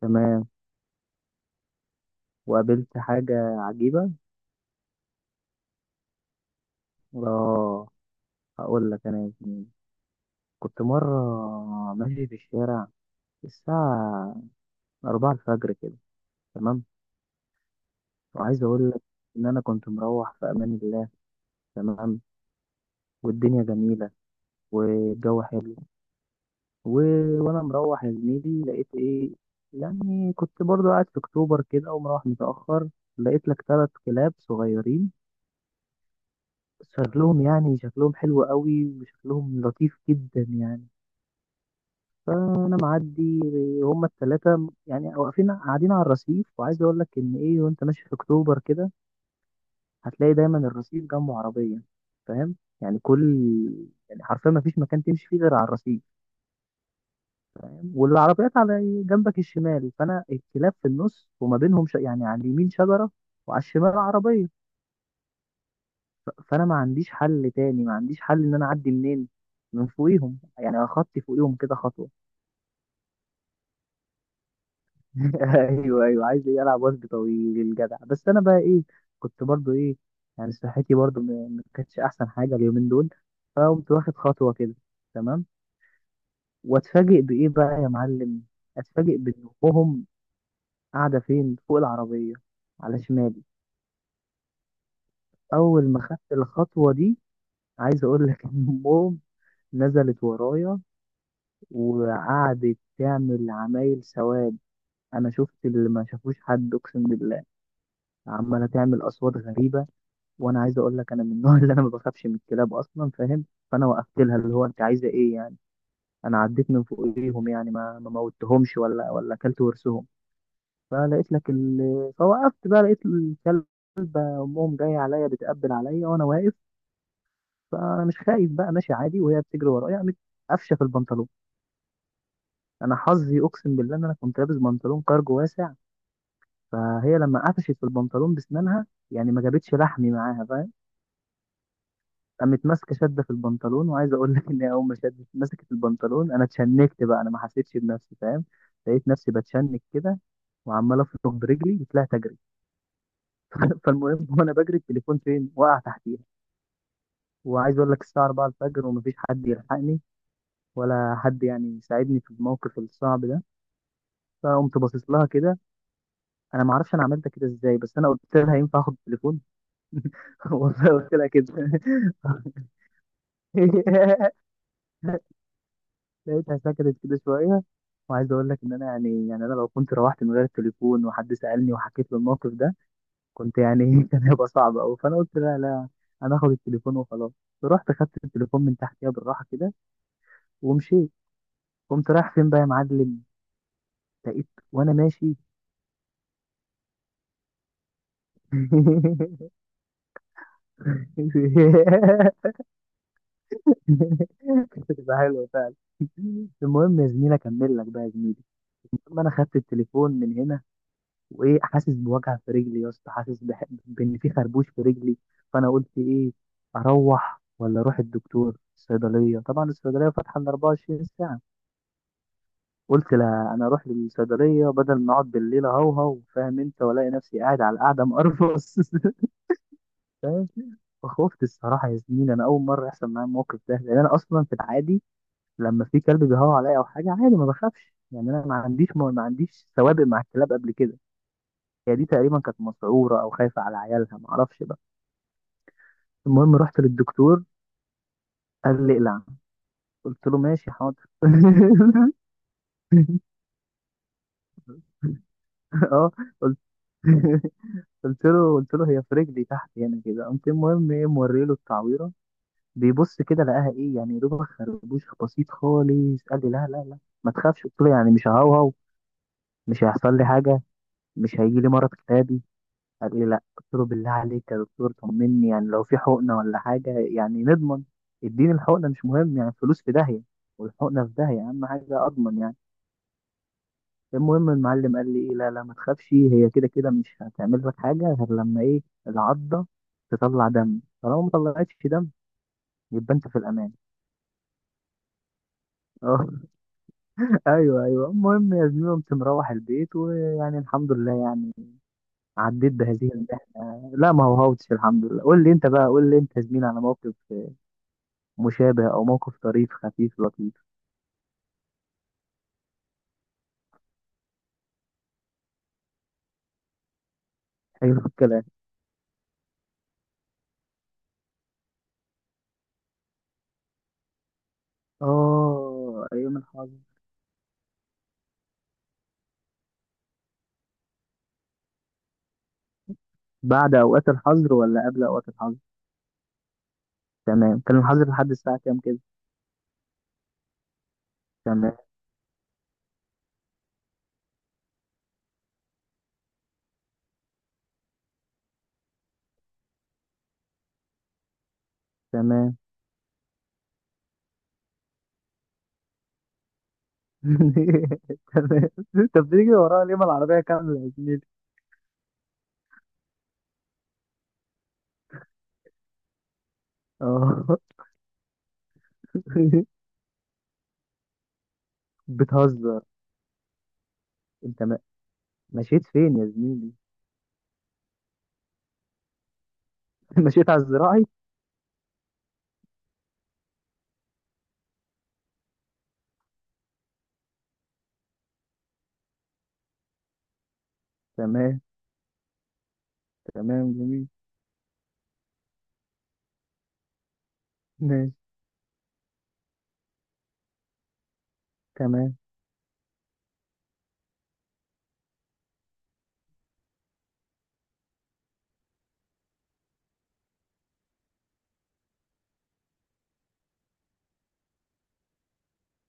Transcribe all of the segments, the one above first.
تمام. وقابلت حاجة عجيبة. اه، هقول لك انا يا زميلي، كنت مرة ماشي في الشارع الساعة أربعة الفجر كده. تمام، وعايز أقول لك إن أنا كنت مروح في أمان الله. تمام، والدنيا جميلة والجو حلو و... وأنا مروح يا زميلي لقيت إيه، يعني كنت برضو قاعد في أكتوبر كده ومروح متأخر. لقيت لك ثلاث كلاب صغيرين، شكلهم يعني شكلهم حلو قوي وشكلهم لطيف جدا يعني. فانا معدي، هما التلاتة يعني واقفين قاعدين على الرصيف. وعايز اقول لك ان ايه، وانت ماشي في اكتوبر كده هتلاقي دايما الرصيف جنبه عربية، فاهم؟ يعني كل، يعني حرفيا ما فيش مكان تمشي فيه غير على الرصيف. والعربيات على جنبك الشمال، فانا الكلاب في النص وما بينهم يعني على اليمين شجرة وعلى الشمال عربية. فانا ما عنديش حل تاني، ما عنديش حل ان انا اعدي منين من فوقيهم، يعني اخطي فوقيهم كده خطوة. ايوه ايوه عايز ايه العب وجه طويل الجدع، بس انا بقى ايه، كنت برضو ايه، يعني صحتي برضو ما كانتش احسن حاجه اليومين دول. فقمت واخد خطوه كده، تمام، واتفاجئ بايه بقى يا معلم، اتفاجئ بان امهم قاعده فين، فوق العربيه على شمالي. اول ما خدت الخطوه دي، عايز اقول لك ان امهم نزلت ورايا وقعدت تعمل عمايل سواد، انا شفت اللي ما شافوش حد اقسم بالله. عماله تعمل اصوات غريبه، وانا عايز اقول لك انا من النوع اللي انا ما بخافش من الكلاب اصلا، فاهم؟ فانا وقفت لها اللي هو انت عايزه ايه يعني، انا عديت من فوقيهم يعني ما موتهمش ولا اكلت ورثهم. فلقيت لك ال... فوقفت بقى لقيت الكلب، امهم جايه عليا، بتقبل عليا وانا واقف. فانا مش خايف بقى، ماشي عادي وهي بتجري ورايا، قامت قفشه في البنطلون. انا حظي اقسم بالله ان انا كنت لابس بنطلون كارجو واسع، فهي لما قفشت في البنطلون بسنانها يعني ما جابتش لحمي معاها، فاهم؟ قامت ماسكه شده في البنطلون. وعايز اقول لك ان هي اول ما شدت مسكت البنطلون انا اتشنكت بقى، انا ما حسيتش بنفسي، فاهم؟ لقيت نفسي بتشنك كده وعمال افرك برجلي وطلعت اجري. فالمهم، وانا بجري التليفون فين؟ وقع تحتيها. وعايز اقول لك الساعه 4 الفجر ومفيش حد يلحقني ولا حد يعني يساعدني في الموقف الصعب ده. فقمت باصص لها كده، انا ما اعرفش انا عملت كده ازاي، بس انا قلت لها ينفع اخد التليفون؟ والله قلت لها كده. لقيتها سكتت كده شوية. وعايز أقول لك إن أنا يعني أنا لو كنت روحت من غير التليفون وحد سألني وحكيت له الموقف ده، كنت يعني كان هيبقى صعب أوي. فأنا قلت لا لا، أنا آخد التليفون وخلاص. رحت خدت التليفون من تحتيها بالراحة كده ومشيت. قمت رايح فين بقى يا معلم، لقيت وأنا ماشي. كانت هتبقى حلوة فعلا. المهم يا زميلي أكمل لك بقى يا زميلي، المهم أنا خدت التليفون من هنا، وايه حاسس بوجع في رجلي يا اسطى، حاسس بان في خربوش في رجلي. فانا قلت ايه، اروح ولا اروح الدكتور؟ الصيدليه طبعا، الصيدليه فاتحه ال 24 ساعه. قلت لا انا اروح للصيدليه بدل ما اقعد بالليل اهوهو، فاهم انت، والاقي نفسي قاعد على القعده مقرفص. فاهم؟ فخفت الصراحه يا زميلي، انا اول مره يحصل معايا الموقف ده، لان انا اصلا في العادي لما في كلب بيهوى عليا او حاجه عادي ما بخافش يعني، انا ما عنديش سوابق مع الكلاب قبل كده. هي دي تقريبا كانت مسعوره او خايفه على عيالها، ما اعرفش بقى. المهم رحت للدكتور، قال لي اقلع، قلت له ماشي حاضر. اه، قلت، قلت له هي في رجلي تحت هنا كده. قمت المهم ايه، موري له التعويره، بيبص كده لقاها ايه يعني، يا دوبك خربوش بسيط خالص. قال لي لا لا لا ما تخافش. قلت له يعني مش ههوهو، مش هيحصل لي حاجه، مش هيجي لي مرض كتابي؟ قال لي لا. قلت له بالله عليك يا دكتور طمني، يعني لو في حقنه ولا حاجه يعني نضمن، اديني الحقنه، مش مهم يعني الفلوس في داهيه والحقنه في داهيه، اهم حاجه اضمن يعني. المهم المعلم قال لي ايه، لا لا ما تخافش، هي كده كده مش هتعمل لك حاجه غير لما ايه، العضه تطلع دم. طالما ما طلعتش دم يبقى انت في الامان. اه، ايوه ايوه. المهم يا زميلي، قمت مروح البيت، ويعني الحمد لله يعني عديت بهذه المحنه، لا ما هو هوتش الحمد لله. قول لي انت بقى، قول لي انت يا زميلي على موقف مشابه أو موقف طريف خفيف لطيف. حلو الكلام. آه، أيام الحظر. بعد أوقات الحظر ولا قبل أوقات الحظر؟ تمام، كان الحظر لحد الساعة كام كده؟ تمام. تمام. تمام. أنت بتيجي ورايا ليه، ما العربية كاملة يا زميلي؟ آه. بتهزر. أنت ما... مشيت فين يا زميلي؟ مشيت على الزراعي. تمام. تمام، جميل. ماشي. تمام.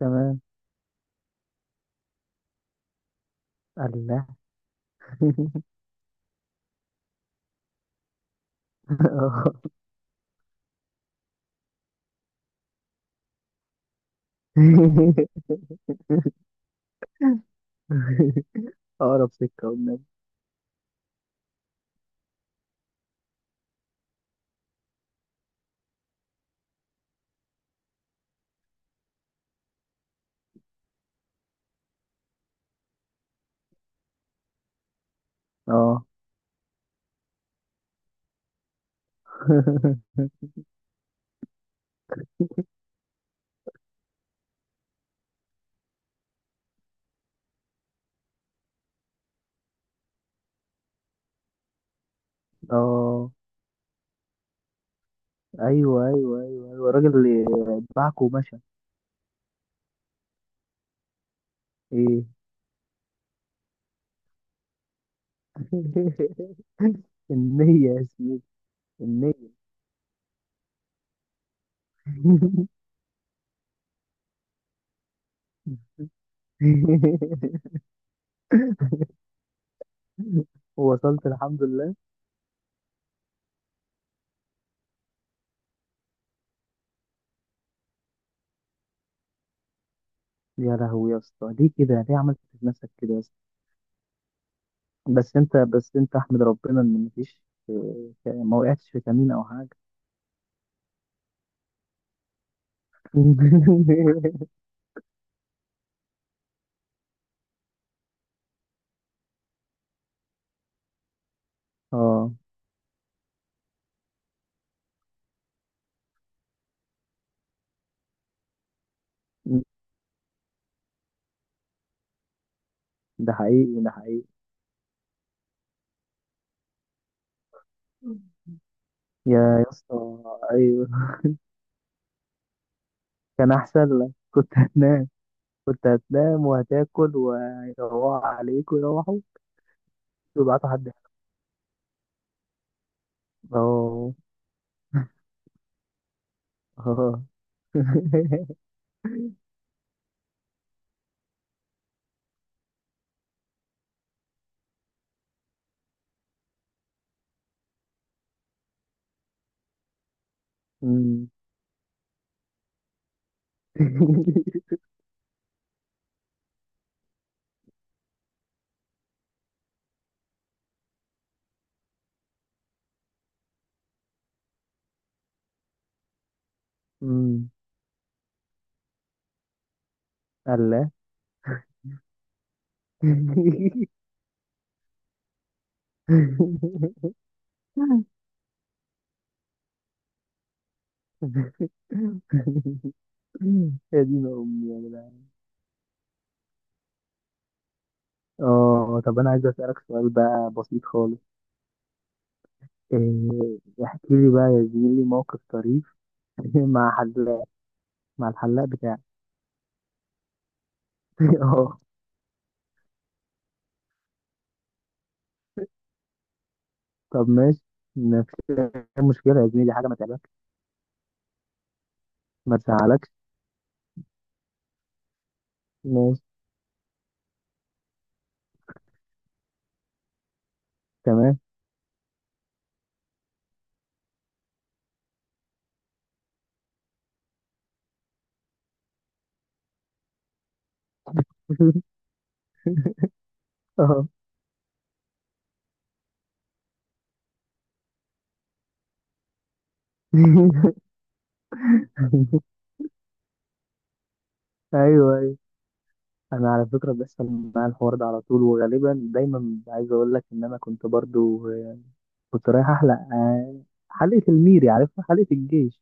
تمام. الله. آه. أقرب سكة والنبي. اه. اه، ايوه ايوه ايوه ايوه، الراجل اللي اتبعك ومشى. ايه؟ النية يا سيدي. النية. وصلت الحمد لله. يا لهوي يا اسطى، ليه كده، ليه عملت في نفسك كده يا اسطى؟ بس انت، بس انت احمد ربنا ان مفيش، ما وقعتش في كمين او حاجة. اه، ده حقيقي، ده حقيقي. يا يا اسطى. ايوه، كان احسن لك، كنت هناك كنت هتنام وهتاكل، ويروحوا عليك ويروحوا ويبعتوا حد. اه. اه. أمم. أمم. الله. يا دين امي يا جدع. اه، طب انا عايز اسالك سؤال بقى بسيط خالص. إيه، احكي لي بقى يا زميلي موقف طريف مع حلاق، مع الحلاق بتاعك. اه، طب ماشي. مفيش مشكله يا زميلي، حاجه ما تعملهاش. ما تزعلكش. ماشي. تمام. اه. ايوه ايوه، انا على فكره بيحصل معايا الحوار ده على طول، وغالبا دايما عايز اقول لك ان انا كنت برضو آه، كنت رايح احلق آه، حلقه الميري، عارفها حلقه الجيش.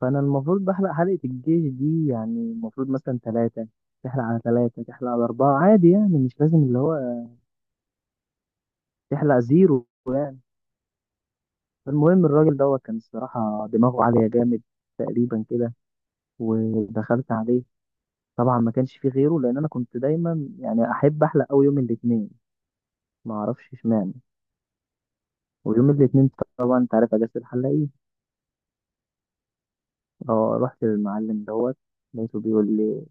فانا المفروض بحلق حلقه الجيش دي، يعني المفروض مثلا ثلاثه، تحلق على ثلاثه تحلق على اربعه عادي يعني، مش لازم اللي هو تحلق زيرو يعني. فالمهم الراجل دوت كان الصراحه دماغه عاليه جامد تقريبا كده. ودخلت عليه، طبعا ما كانش فيه غيره، لان انا كنت دايما يعني احب احلق قوي يوم الاثنين، ما اعرفش اشمعنى، ويوم الاثنين طبعا انت عارف اجازه الحلاقين. اه، رحت للمعلم دوت، لقيته بيقول لي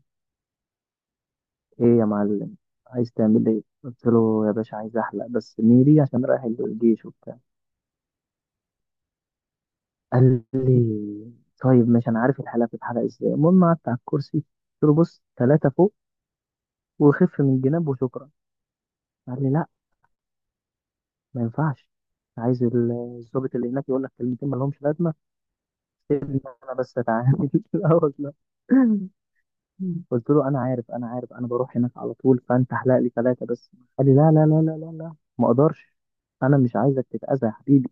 ايه يا معلم، عايز تعمل ايه؟ قلت له يا باشا عايز احلق بس ميري عشان رايح الجيش وبتاع. قال لي طيب ماشي، انا عارف الحلاقه بتتحلق ازاي. المهم قعدت على الكرسي، قلت له بص، ثلاثه فوق وخف من الجناب وشكرا. قال لي لا، ما ينفعش، عايز الظابط اللي هناك يقول لك كلمتين ما لهمش لازمه، سيبني انا بس اتعامل. لا والله، قلت له انا عارف انا عارف، انا بروح هناك على طول، فانت احلق لي ثلاثه بس. قال لي لا لا لا لا لا لا ما اقدرش، انا مش عايزك تتاذى يا حبيبي،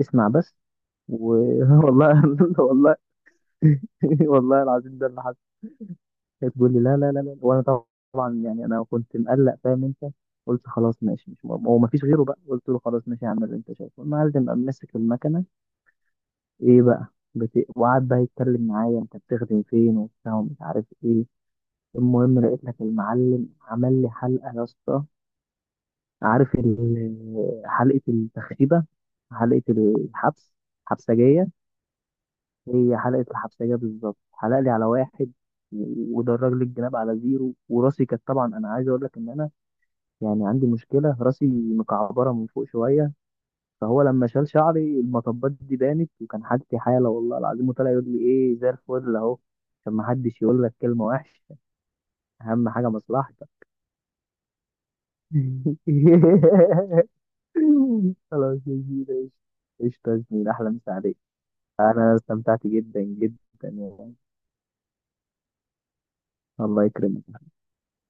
اسمع بس. والله. والله. والله العظيم ده اللي حصل. هي تقول لي لا لا لا لا وانا طبعا يعني انا كنت مقلق، فاهم انت؟ قلت خلاص ماشي، مش هو ما فيش غيره بقى. قلت له خلاص ماشي هعمل اللي انت شايفه. المعلم قام مسك المكنه، ايه بقى، وقعد بقى يتكلم معايا انت بتخدم فين وبتاع ومش عارف ايه. المهم لقيت لك المعلم عمل لي حلقه يا اسطى، عارف حلقه التخريبه، حلقه الحبس، حبسجيه. هي حلقه الحبسجيه بالظبط، حلق لي على واحد ودرج لي الجناب على زيرو. وراسي كانت طبعا، انا عايز اقول لك ان انا يعني عندي مشكله، راسي مكعبره من فوق شويه. فهو لما شال شعري المطبات دي بانت، وكان حالتي حاله والله العظيم. وطلع يقول لي ايه، زي الفل اهو، عشان ما حدش يقول لك كلمه وحشه، اهم حاجه مصلحتك. خلاص يا زميلي. قشطة يا زميلي، أحلى مسا عليك. أنا استمتعت جدا جدا يعني. الله يكرمك.